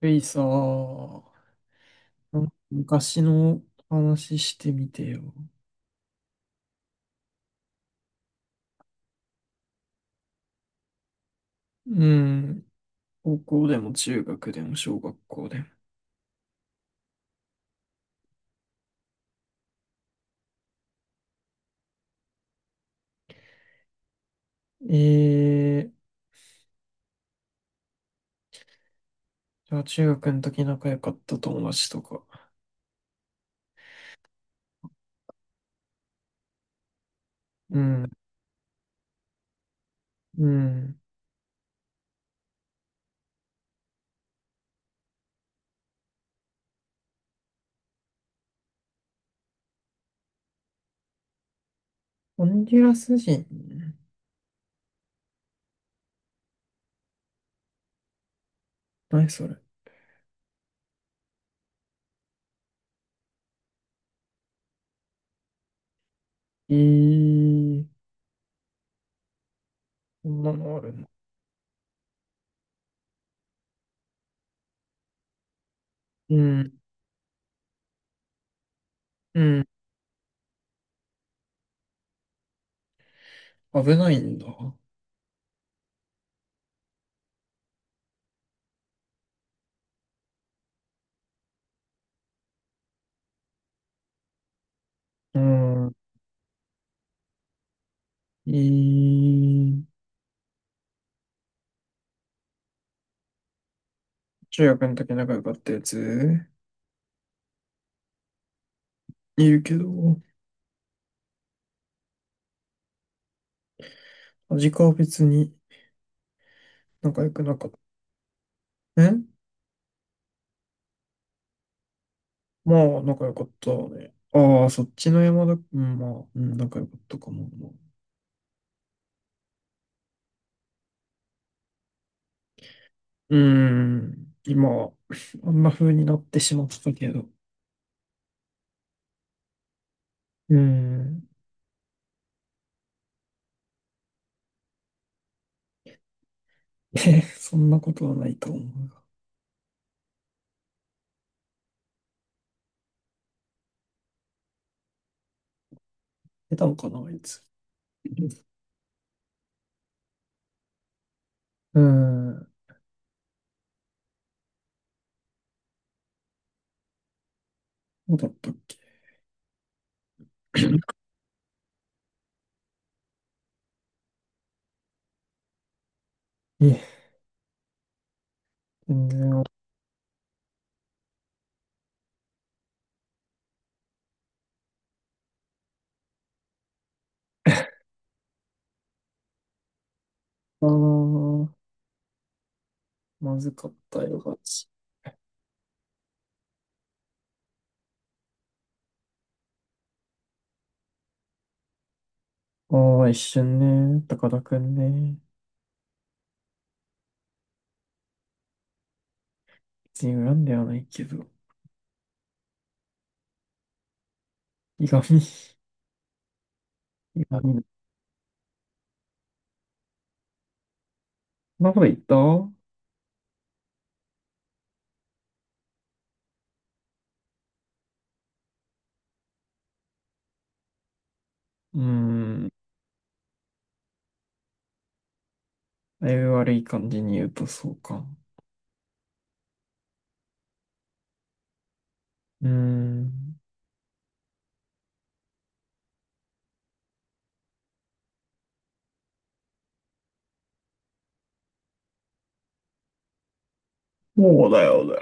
ゆいさん、ー昔の話してみてよ。うん。高校でも中学でも小学校でも。えー、じゃあ中学の時仲良かった友達とか。うん。うん。ホンジュラス人。何それ。えー、こんなのあるの？うん。うん。危ないんだ。うん。えー、中学の時仲良かったやついるけど、味かは別に。仲良くなかった。えまあ、仲良かったね。ああ、そっちの山田、うん、まあ、うん、仲良かったかも。うーん、今、あんな風になってしまったけど。うーん。え、そんなことはないと思うが。出たのかな、あいつ。うーん、どうだったっけ。いえ、全然、あったな、まずかったよ、ガチ。ああ、一瞬ね、高田くんね。別に恨んではないけど。いがみ、いがみ。そんなこと言った。うん。だいぶ悪い感じに言うとそうか。うん。そうだよね。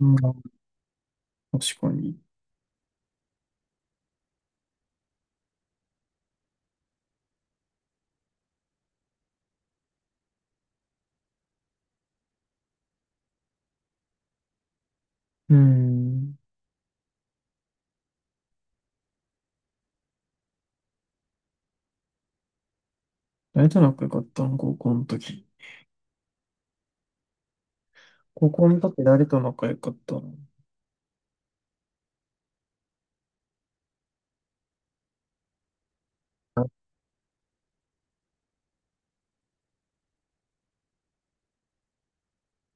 うん、確かに。うん。誰と仲良かったの、高校の時。高校の時誰と仲良かったの。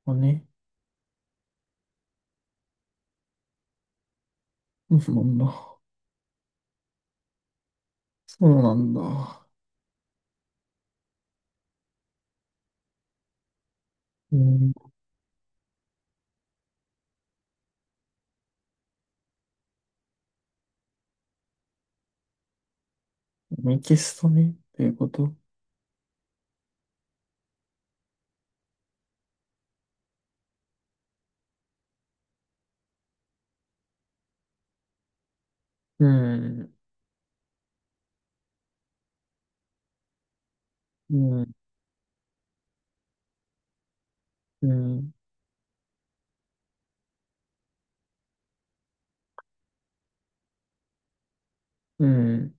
あ、ね。そうなんだ。そうなんだ。うん。ミキストね。っていうこと。うん。うん。うん。うん。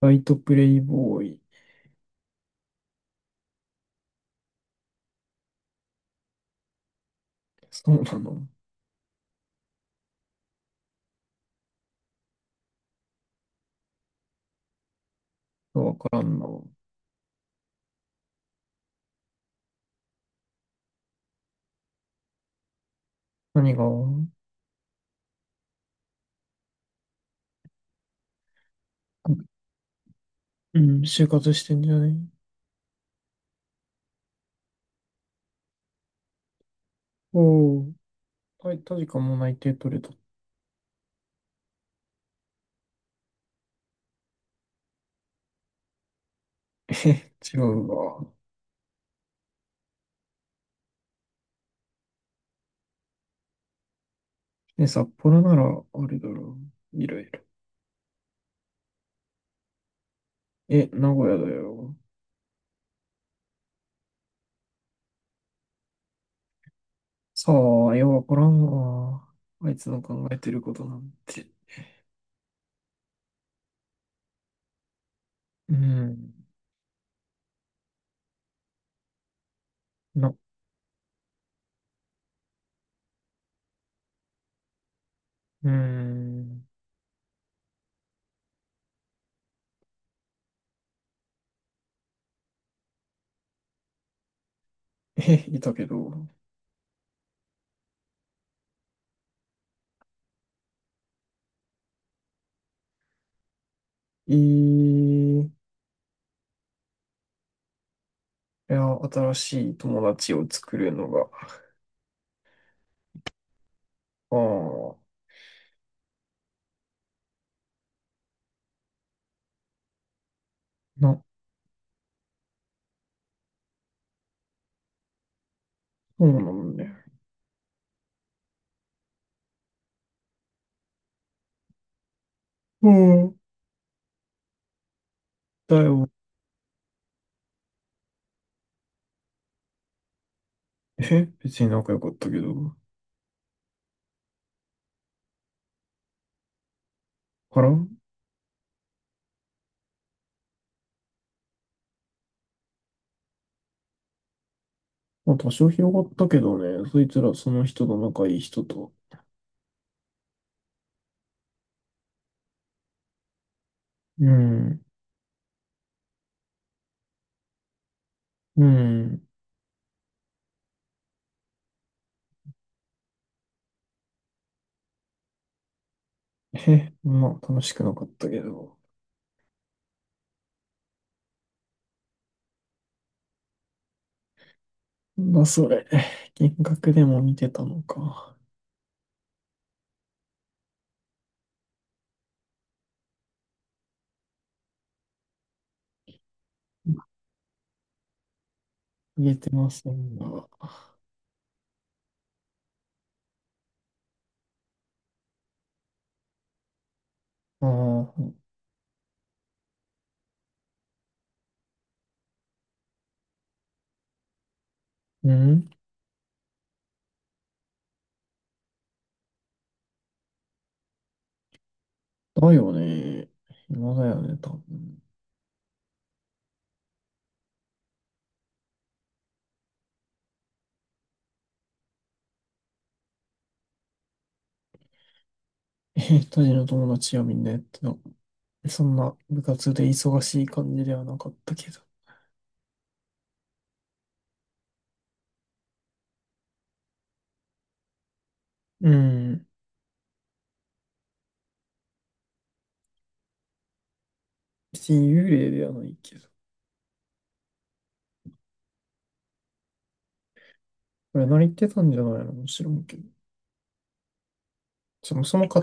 バイトプレイボーイ。そうなの。わからんな。何が？うん、就活してんじゃない？おー、タジかも内定取れた。え、違うわ。え、札幌なら、あれだろう。いろいろ。え、名古屋だよ。さあ、ようわからんわ。あいつの考えてることなんて。うん。な、うん。え、いたけど。いや、新しい友達を作るのが。ああ、な、そうなんだよ。うん。だよ。え、別に仲良かったけど。からまあ、多少広がったけどね、そいつらその人と仲いい人と。うん、うん。へ、まあ、楽しくなかったけど。なんだそれ。幻覚でも見てたのか？言えてませんが。ああ、うん。だよね。今だよね、多分。え、当時の友達はみんなやってた。そんな部活で忙しい感じではなかったけど。うん。別に幽霊ではないけど。これ何言ってたんじゃないの？もちろんけど。そもそもか、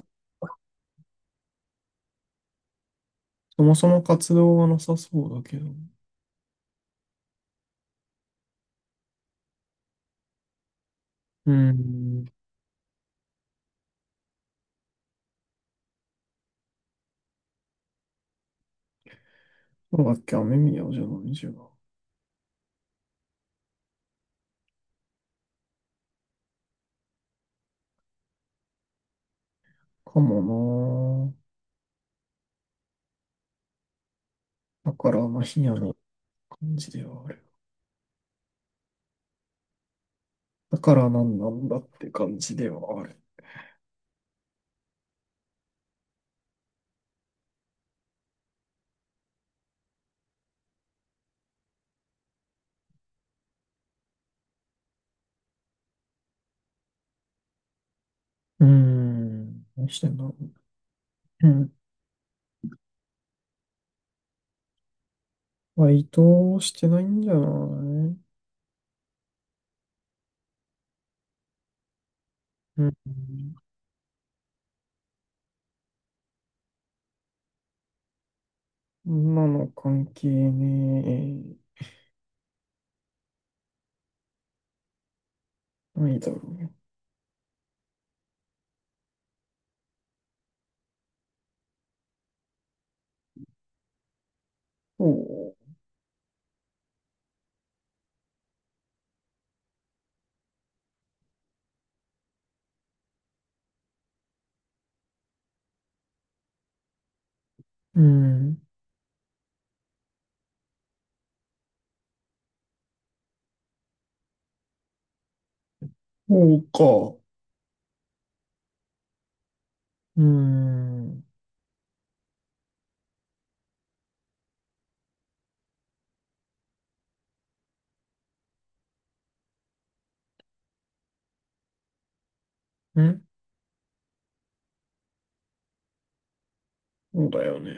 そもそも活動がなさそうだけど。うん。そうだっけ、雨宮じゃないじゃん。かもなぁ。だから、まあ、ヒヤの感じではある。だからなんなんだって感じではある。うーん。何してんだろう。うん。バイトしてないんじゃない？うん。今の関係ねえ。ないだろう。そう。うん。そうか。うーん。ん、そうだよね。